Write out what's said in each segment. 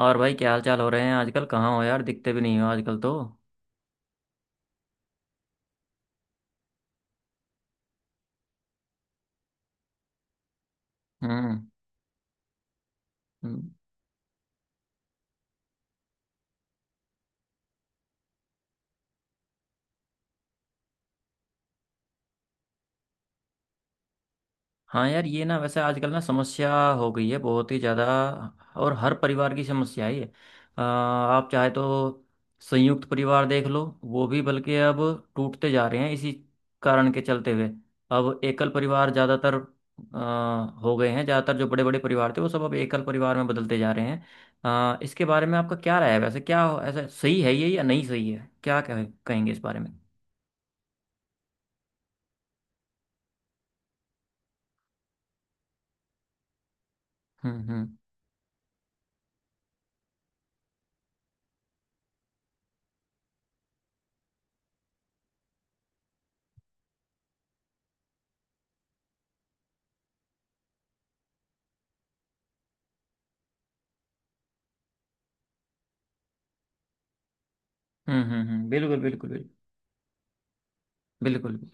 और भाई, क्या हाल चाल हो रहे हैं आजकल? कहाँ हो यार, दिखते भी नहीं हो आजकल तो। हम्म। हम्म। हाँ यार, ये ना वैसे आजकल ना समस्या हो गई है बहुत ही ज़्यादा। और हर परिवार की समस्या है ये। आप चाहे तो संयुक्त परिवार देख लो, वो भी बल्कि अब टूटते जा रहे हैं इसी कारण के चलते हुए। अब एकल परिवार ज़्यादातर हो गए हैं। ज़्यादातर जो बड़े बड़े परिवार थे वो सब अब एकल परिवार में बदलते जा रहे हैं। इसके बारे में आपका क्या राय है वैसे? क्या ऐसा सही है ये या नहीं सही है? क्या कहेंगे इस बारे में? हम्म। हम्म। हम्म। हम्म। हम्म। बिल्कुल बिल्कुल बिल्कुल। बिल्कुल बिल्कुल।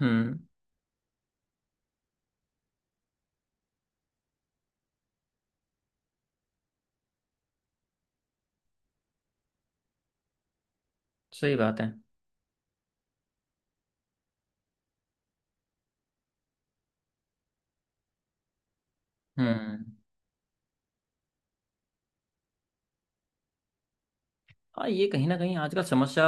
हम्म। सही बात है। हम्म। हाँ ये कहीं ना कहीं आजकल समस्या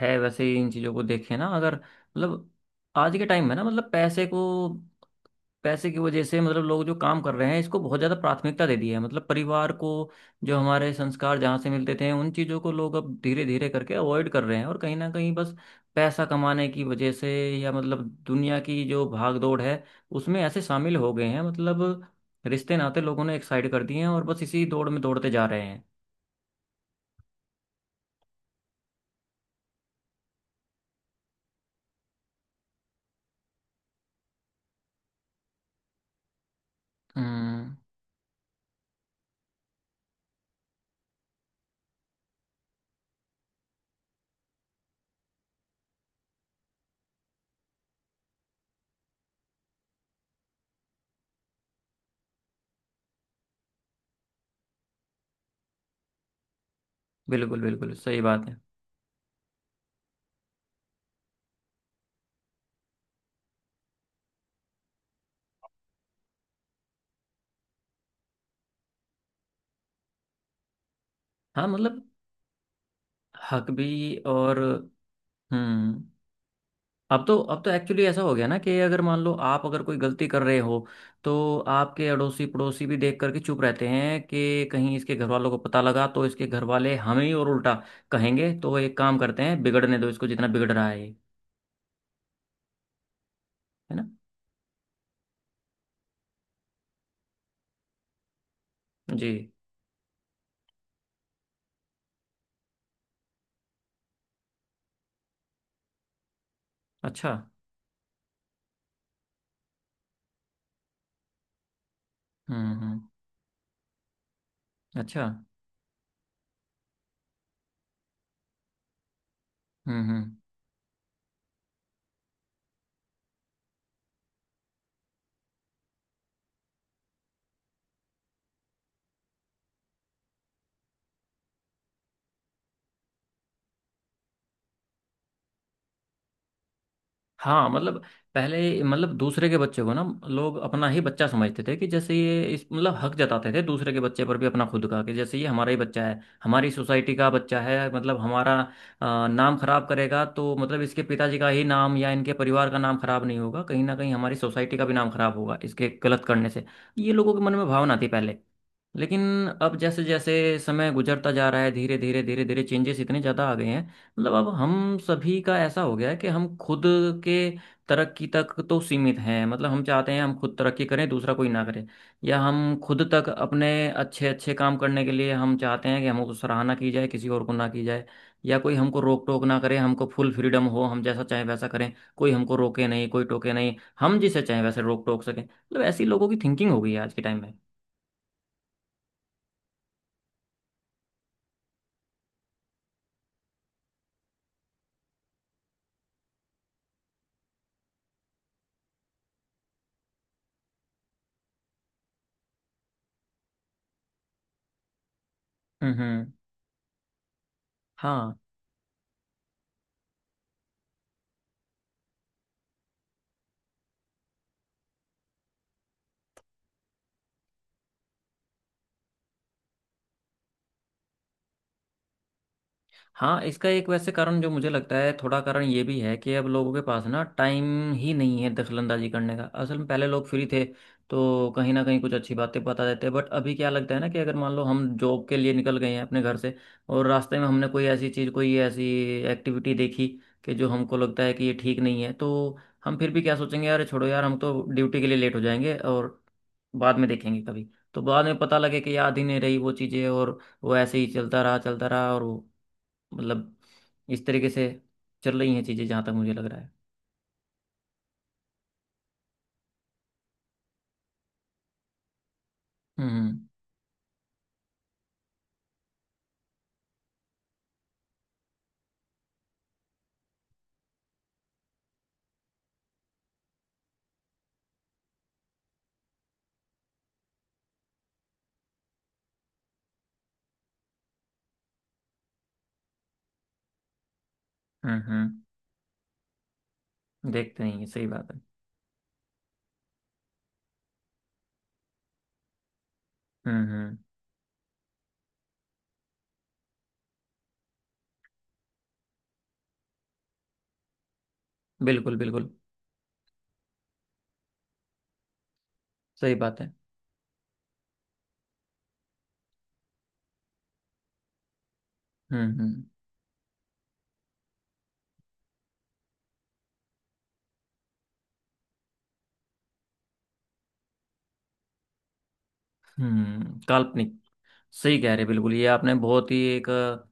है। वैसे इन चीज़ों को देखें ना, अगर मतलब आज के टाइम में ना, मतलब पैसे की वजह से मतलब लोग जो काम कर रहे हैं इसको बहुत ज़्यादा प्राथमिकता दे दी है, मतलब परिवार को। जो हमारे संस्कार जहाँ से मिलते थे उन चीज़ों को लोग अब धीरे धीरे करके अवॉइड कर रहे हैं। और कहीं ना कहीं बस पैसा कमाने की वजह से या मतलब दुनिया की जो भाग दौड़ है उसमें ऐसे शामिल हो गए हैं, मतलब रिश्ते नाते लोगों ने एक साइड कर दिए हैं और बस इसी दौड़ में दौड़ते जा रहे हैं। हम्म। बिल्कुल बिल्कुल, सही बात है। हाँ मतलब। हक भी। और। हम्म। अब तो, अब तो एक्चुअली ऐसा हो गया ना कि अगर मान लो आप अगर कोई गलती कर रहे हो तो आपके अड़ोसी पड़ोसी भी देख करके चुप रहते हैं कि कहीं इसके घर वालों को पता लगा तो इसके घर वाले हमें ही और उल्टा कहेंगे। तो एक काम करते हैं, बिगड़ने दो इसको जितना बिगड़ रहा है ये। है ना? जी। अच्छा। हम्म। हम्म। अच्छा। हम्म। हम्म। हाँ मतलब पहले मतलब दूसरे के बच्चे को ना लोग अपना ही बच्चा समझते थे, कि जैसे ये इस मतलब हक जताते थे दूसरे के बच्चे पर भी अपना खुद का, कि जैसे ये हमारा ही बच्चा है, हमारी सोसाइटी का बच्चा है, मतलब हमारा नाम खराब करेगा तो मतलब इसके पिताजी का ही नाम या इनके परिवार का नाम खराब नहीं होगा, कहीं ना कहीं हमारी सोसाइटी का भी नाम खराब होगा इसके गलत करने से। ये लोगों के मन में भावना थी पहले। लेकिन अब जैसे जैसे समय गुजरता जा रहा है धीरे धीरे धीरे धीरे चेंजेस इतने ज़्यादा आ गए हैं, मतलब अब हम सभी का ऐसा हो गया है कि हम खुद के तरक्की तक तो सीमित हैं, मतलब हम चाहते हैं हम खुद तरक्की करें दूसरा कोई ना करे। या हम खुद तक अपने अच्छे अच्छे काम करने के लिए हम चाहते हैं कि हमको सराहना की जाए किसी और को ना की जाए। या कोई हमको रोक टोक ना करे, हमको फुल फ्रीडम हो, हम जैसा चाहें वैसा करें, कोई हमको रोके नहीं कोई टोके नहीं, हम जिसे चाहें वैसे रोक टोक सकें। मतलब ऐसी लोगों की थिंकिंग हो गई है आज के टाइम में। हम्म। हम्म। हाँ। हाँ इसका एक वैसे कारण जो मुझे लगता है, थोड़ा कारण ये भी है कि अब लोगों के पास ना टाइम ही नहीं है दखलंदाजी करने का, असल में पहले लोग फ्री थे तो कहीं ना कहीं कुछ अच्छी बातें बता देते। बट अभी क्या लगता है ना कि अगर मान लो हम जॉब के लिए निकल गए हैं अपने घर से और रास्ते में हमने कोई ऐसी चीज़, कोई ऐसी एक्टिविटी देखी कि जो हमको लगता है कि ये ठीक नहीं है तो हम फिर भी क्या सोचेंगे, यार छोड़ो यार, हम तो ड्यूटी के लिए लेट हो जाएंगे और बाद में देखेंगे कभी। तो बाद में पता लगे कि याद ही नहीं रही वो चीज़ें, और वो ऐसे ही चलता रहा और वो, मतलब इस तरीके से चल रही हैं चीज़ें जहाँ तक मुझे लग रहा है। हम्म। हम्म। हम्म। देखते हैं, ये सही बात है। हम्म। हम्म। बिल्कुल बिल्कुल सही बात है। हम्म। हम्म। हम्म। काल्पनिक। सही कह रहे हैं, बिल्कुल, ये आपने बहुत ही एक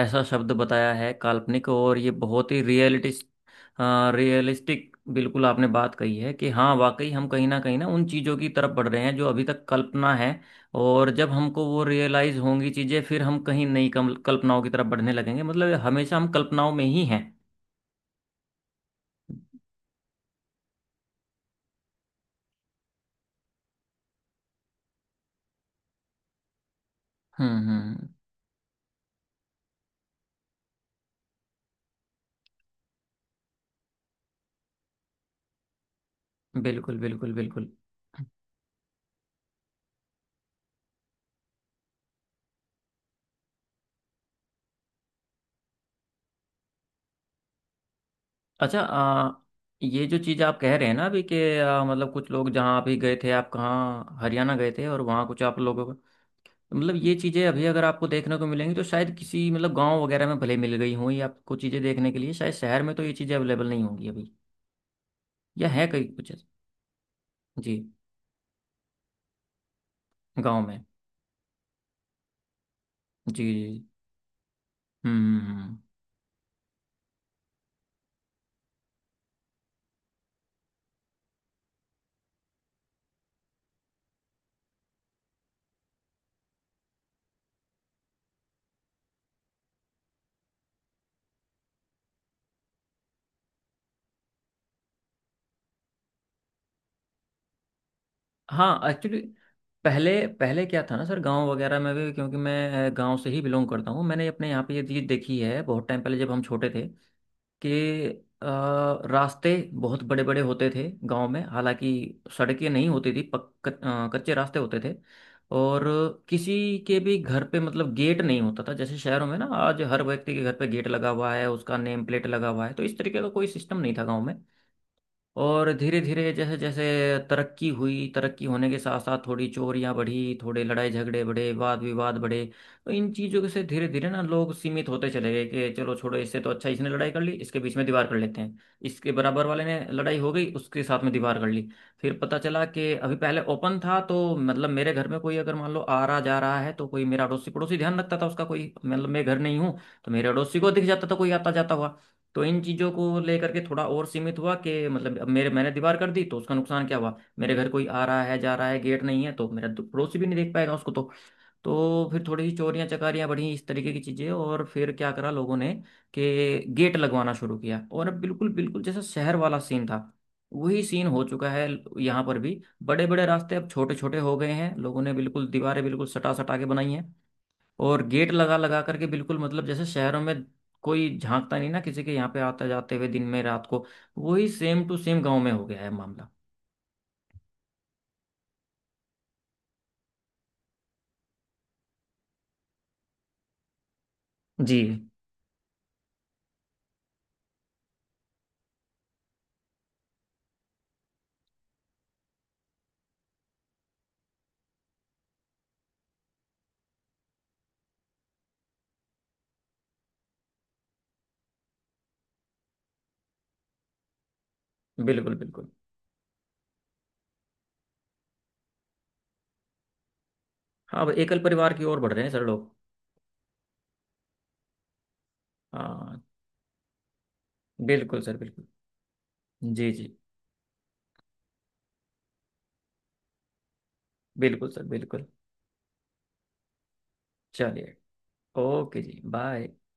ऐसा शब्द बताया है, काल्पनिक। और ये बहुत ही रियलिटिस्ट रियलिस्टिक बिल्कुल आपने बात कही है कि हाँ वाकई हम कहीं ना उन चीज़ों की तरफ बढ़ रहे हैं जो अभी तक कल्पना है। और जब हमको वो रियलाइज होंगी चीज़ें फिर हम कहीं नई कल्पनाओं की तरफ बढ़ने लगेंगे। मतलब हमेशा हम कल्पनाओं में ही हैं। हम्म। हम्म। बिल्कुल बिल्कुल बिल्कुल। अच्छा। ये जो चीज़ आप कह रहे हैं ना अभी कि मतलब कुछ लोग जहाँ अभी गए थे, आप कहाँ हरियाणा गए थे और वहाँ कुछ आप लोगों को, मतलब ये चीज़ें अभी अगर आपको देखने को मिलेंगी तो शायद किसी मतलब गांव वगैरह में भले मिल गई हों ये आपको चीज़ें देखने के लिए, शायद शहर में तो ये चीज़ें अवेलेबल नहीं होंगी अभी। या है कई कुछ जी। गाँव में। जी जी। हम्म। हम्म। हम्म। हाँ एक्चुअली। पहले पहले क्या था ना सर, गांव वगैरह में भी क्योंकि मैं गांव से ही बिलोंग करता हूँ, मैंने अपने यहाँ पे ये चीज़ देखी है बहुत टाइम पहले जब हम छोटे थे कि अ, रास्ते बहुत बड़े बड़े होते थे गांव में। हालांकि सड़कें नहीं होती थी, कच्चे रास्ते होते थे और किसी के भी घर पे मतलब गेट नहीं होता था, जैसे शहरों में ना आज हर व्यक्ति के घर पे गेट लगा हुआ है, उसका नेम प्लेट लगा हुआ है। तो इस तरीके का कोई सिस्टम नहीं था गांव में। और धीरे धीरे जैसे जैसे तरक्की हुई, तरक्की होने के साथ साथ थोड़ी चोरियां बढ़ी, थोड़े लड़ाई झगड़े बढ़े, वाद विवाद बढ़े। तो इन चीज़ों से धीरे धीरे ना लोग सीमित होते चले गए कि चलो छोड़ो, इससे तो अच्छा इसने लड़ाई कर ली इसके बीच में दीवार कर लेते हैं, इसके बराबर वाले ने लड़ाई हो गई उसके साथ में दीवार कर ली। फिर पता चला कि अभी पहले ओपन था तो मतलब मेरे घर में कोई अगर मान लो आ रहा जा रहा है तो कोई मेरा अड़ोसी पड़ोसी ध्यान रखता था, उसका कोई मतलब मैं घर नहीं हूँ तो मेरे अड़ोसी को दिख जाता था कोई आता जाता हुआ। तो इन चीज़ों को लेकर के थोड़ा और सीमित हुआ कि मतलब अब मेरे मैंने दीवार कर दी तो उसका नुकसान क्या हुआ, मेरे घर कोई आ रहा है जा रहा है गेट नहीं है तो मेरा पड़ोसी भी नहीं देख पाएगा उसको तो। तो फिर थोड़ी सी चोरियां चकारियां बढ़ी इस तरीके की चीज़ें और फिर क्या करा लोगों ने कि गेट लगवाना शुरू किया, और अब बिल्कुल बिल्कुल जैसा शहर वाला सीन था वही सीन हो चुका है। यहाँ पर भी बड़े बड़े रास्ते अब छोटे छोटे हो गए हैं, लोगों ने बिल्कुल दीवारें बिल्कुल सटा सटा के बनाई हैं और गेट लगा लगा करके बिल्कुल, मतलब जैसे शहरों में कोई झांकता नहीं ना किसी के यहाँ पे आते जाते हुए दिन में रात को, वही सेम टू सेम गांव में हो गया है मामला। जी। बिल्कुल बिल्कुल। हाँ अब एकल परिवार की ओर बढ़ रहे हैं सर लोग। हाँ। बिल्कुल सर बिल्कुल। जी जी। बिल्कुल सर बिल्कुल। चलिए। ओके जी बाय।